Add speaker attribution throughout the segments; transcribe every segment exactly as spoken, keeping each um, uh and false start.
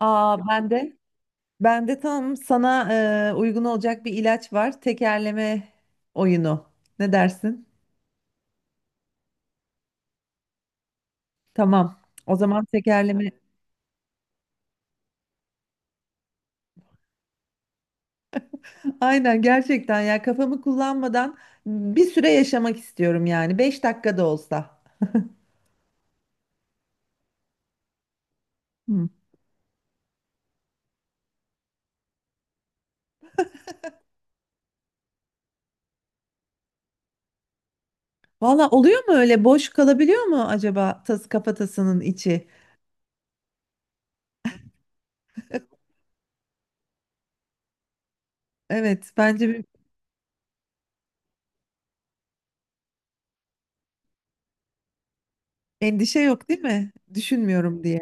Speaker 1: Aa ben de ben de tam sana e, uygun olacak bir ilaç var. Tekerleme oyunu. Ne dersin? Tamam. O zaman tekerleme. Aynen gerçekten ya kafamı kullanmadan bir süre yaşamak istiyorum yani. Beş dakika da olsa. Hı. Valla oluyor mu öyle? Boş kalabiliyor mu acaba tas kafatasının içi? Evet bence bir endişe yok değil mi? Düşünmüyorum diye.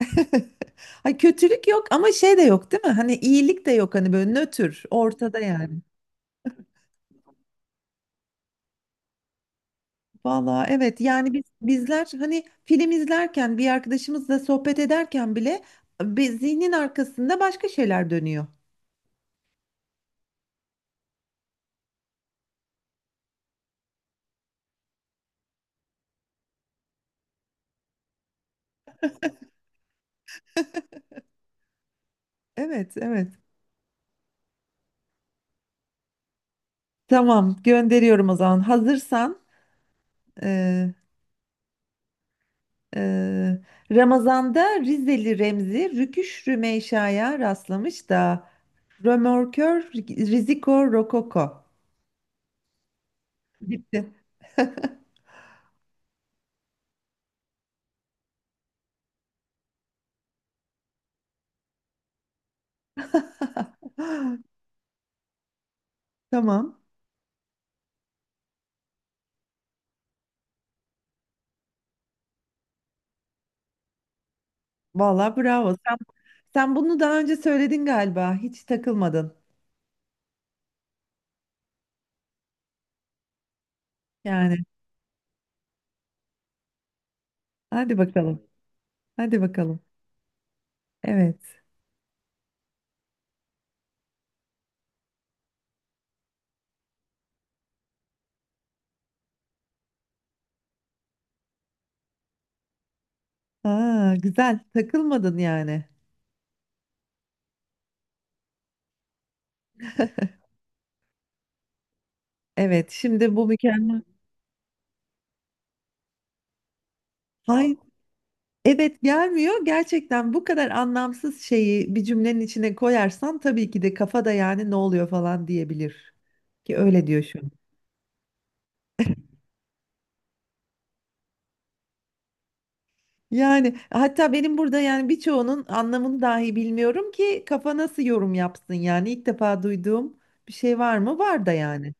Speaker 1: Ay kötülük yok ama şey de yok değil mi? Hani iyilik de yok hani böyle nötr ortada yani. Valla evet yani biz bizler hani film izlerken bir arkadaşımızla sohbet ederken bile bir zihnin arkasında başka şeyler dönüyor. Evet evet tamam gönderiyorum o zaman hazırsan e, e, Ramazan'da Rizeli Remzi Rüküş Rümeysa'ya rastlamış da Römorkör Riziko Rokoko gitti. Tamam. Vallahi bravo. Sen, sen bunu daha önce söyledin galiba. Hiç takılmadın. Yani hadi bakalım. Hadi bakalım. Evet. Aa, güzel. Takılmadın yani. Evet, şimdi bu mükemmel. Hayır, evet gelmiyor. Gerçekten bu kadar anlamsız şeyi bir cümlenin içine koyarsan tabii ki de kafada yani ne oluyor falan diyebilir. Ki öyle diyor şu. Yani hatta benim burada yani birçoğunun anlamını dahi bilmiyorum ki kafa nasıl yorum yapsın yani ilk defa duyduğum bir şey var mı? Var da yani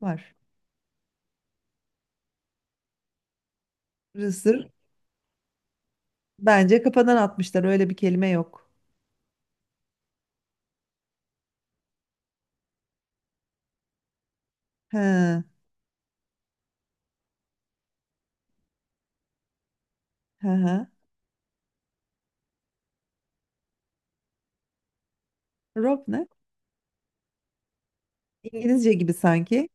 Speaker 1: var. Rısır bence kafadan atmışlar öyle bir kelime yok. He, he, he. Rob ne? İngilizce gibi sanki.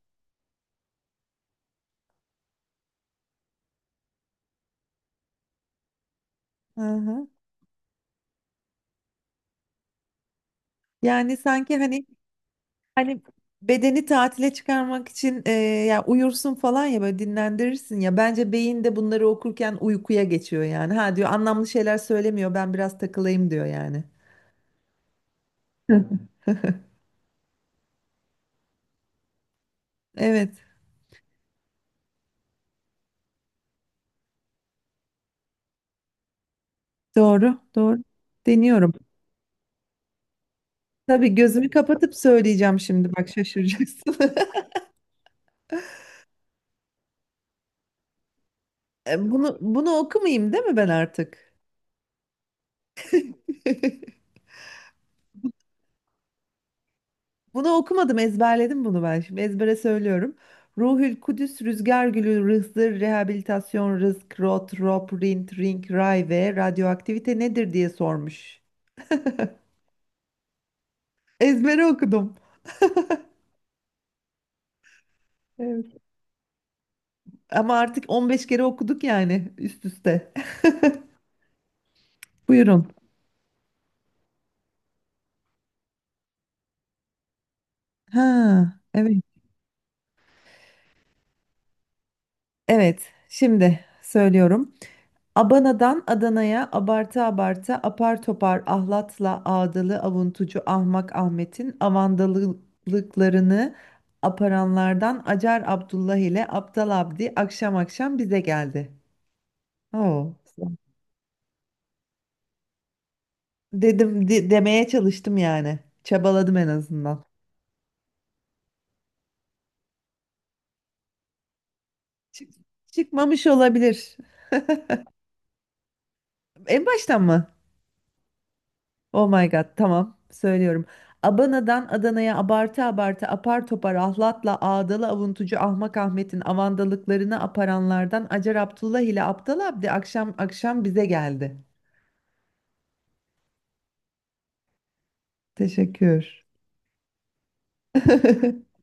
Speaker 1: Hı hı. Yani sanki hani hani bedeni tatile çıkarmak için e, ya uyursun falan ya böyle dinlendirirsin ya bence beyin de bunları okurken uykuya geçiyor yani. Ha diyor anlamlı şeyler söylemiyor ben biraz takılayım diyor yani. Hı. hı. Evet, doğru, doğru. Deniyorum. Tabii gözümü kapatıp söyleyeceğim şimdi. Bak şaşıracaksın. E, Bunu bunu okumayayım değil mi ben artık? Bunu okumadım, ezberledim bunu ben. Şimdi ezbere söylüyorum. Ruhül Kudüs, Rüzgar Gülü, Rızdır, Rehabilitasyon, Rızk, Rot, Rop, Rint, Ring, Ray ve radyoaktivite nedir diye sormuş. Ezbere okudum. Evet. Ama artık on beş kere okuduk yani üst üste. Buyurun. Ha, evet. Evet, şimdi söylüyorum. Abana'dan Adana'ya abartı abartı apar topar ahlatla ağdalı avuntucu ahmak Ahmet'in avandalılıklarını aparanlardan Acar Abdullah ile Aptal Abdi akşam akşam bize geldi. Oo. Dedim de- demeye çalıştım yani. Çabaladım en azından. Çık- çıkmamış olabilir. En baştan mı? Oh my God, tamam söylüyorum. Abana'dan Adana'ya abartı abartı apar topar ahlatla ağdalı avuntucu Ahmak Ahmet'in avandalıklarını aparanlardan Acar Abdullah ile Aptal Abdi akşam akşam bize geldi. Teşekkür.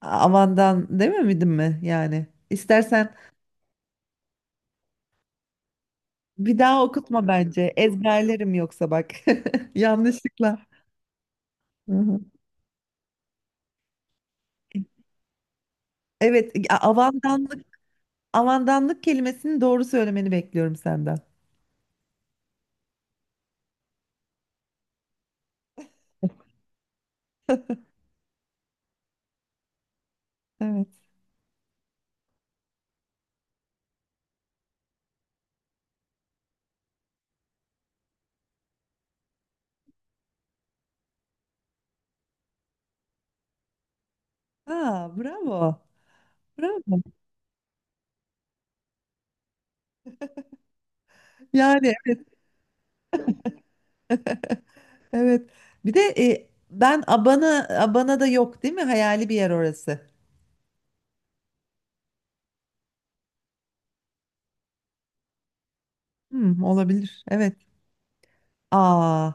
Speaker 1: Avandan dememedim mi yani? İstersen bir daha okutma bence. Ezberlerim yoksa bak. Yanlışlıkla. Hı hı. Evet, a- avandanlık avandanlık kelimesini doğru söylemeni bekliyorum senden. Evet. Aa, bravo. Bravo. Yani evet. Evet. Bir de e, ben Abana Abana da yok değil mi? Hayali bir yer orası. Hmm, olabilir. Evet. Aa,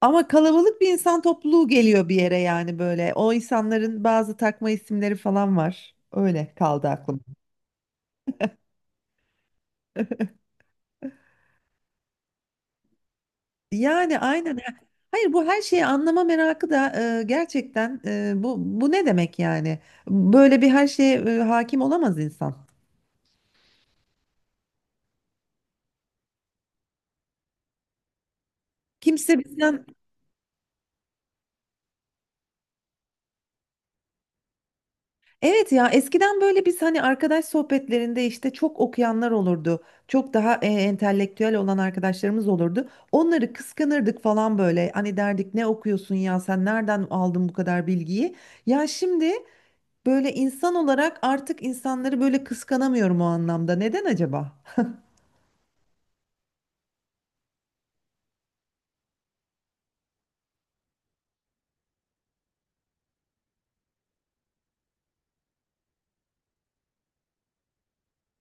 Speaker 1: ama kalabalık bir insan topluluğu geliyor bir yere yani böyle. O insanların bazı takma isimleri falan var. Öyle kaldı aklım. Yani aynen. Hayır bu her şeyi anlama merakı da e, gerçekten e, bu bu ne demek yani? Böyle bir her şeye e, hakim olamaz insan. Kimse bizden Evet ya eskiden böyle biz hani arkadaş sohbetlerinde işte çok okuyanlar olurdu. Çok daha e, entelektüel olan arkadaşlarımız olurdu. Onları kıskanırdık falan böyle. Hani derdik ne okuyorsun ya sen nereden aldın bu kadar bilgiyi? Ya şimdi böyle insan olarak artık insanları böyle kıskanamıyorum o anlamda. Neden acaba?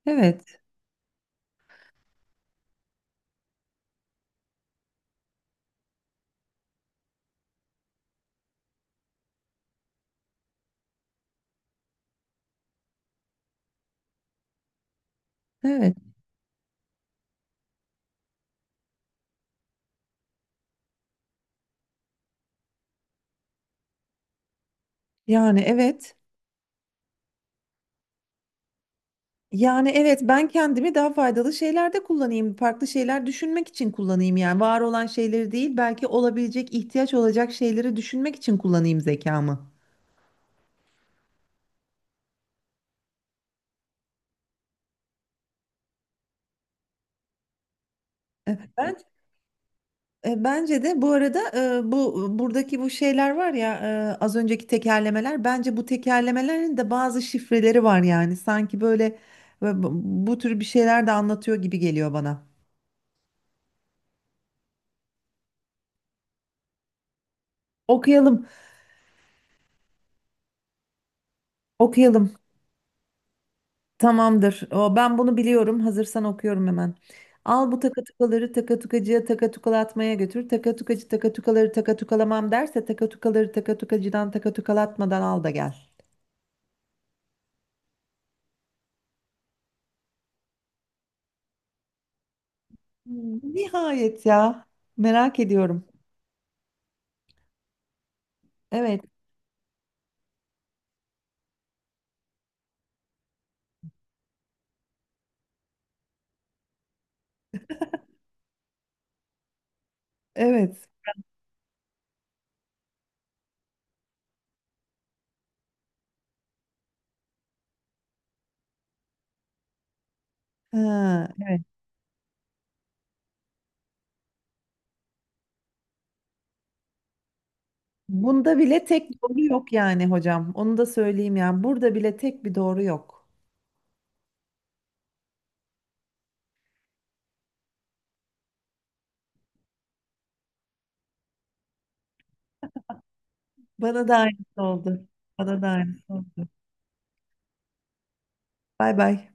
Speaker 1: Evet, evet. Yani evet. Yani evet ben kendimi daha faydalı şeylerde kullanayım, farklı şeyler düşünmek için kullanayım yani var olan şeyleri değil belki olabilecek ihtiyaç olacak şeyleri düşünmek için kullanayım zekamı. Ben e, bence de bu arada e, bu buradaki bu şeyler var ya e, az önceki tekerlemeler bence bu tekerlemelerin de bazı şifreleri var yani sanki böyle e, bu bu tür bir şeyler de anlatıyor gibi geliyor bana. Okuyalım, okuyalım. Tamamdır. O, ben bunu biliyorum. Hazırsan okuyorum hemen. Al bu takatukaları takatukacıya takatukalatmaya götür. Takatukacı takatukaları takatukalamam derse takatukaları takatukacıdan takatukalatmadan al da gel. Hmm, nihayet ya. Merak ediyorum. Evet. Evet. Ha, evet. Bunda bile tek doğru yok yani hocam. Onu da söyleyeyim yani. Burada bile tek bir doğru yok. Bana da aynısı oldu. Bana da aynısı oldu. Bay bay.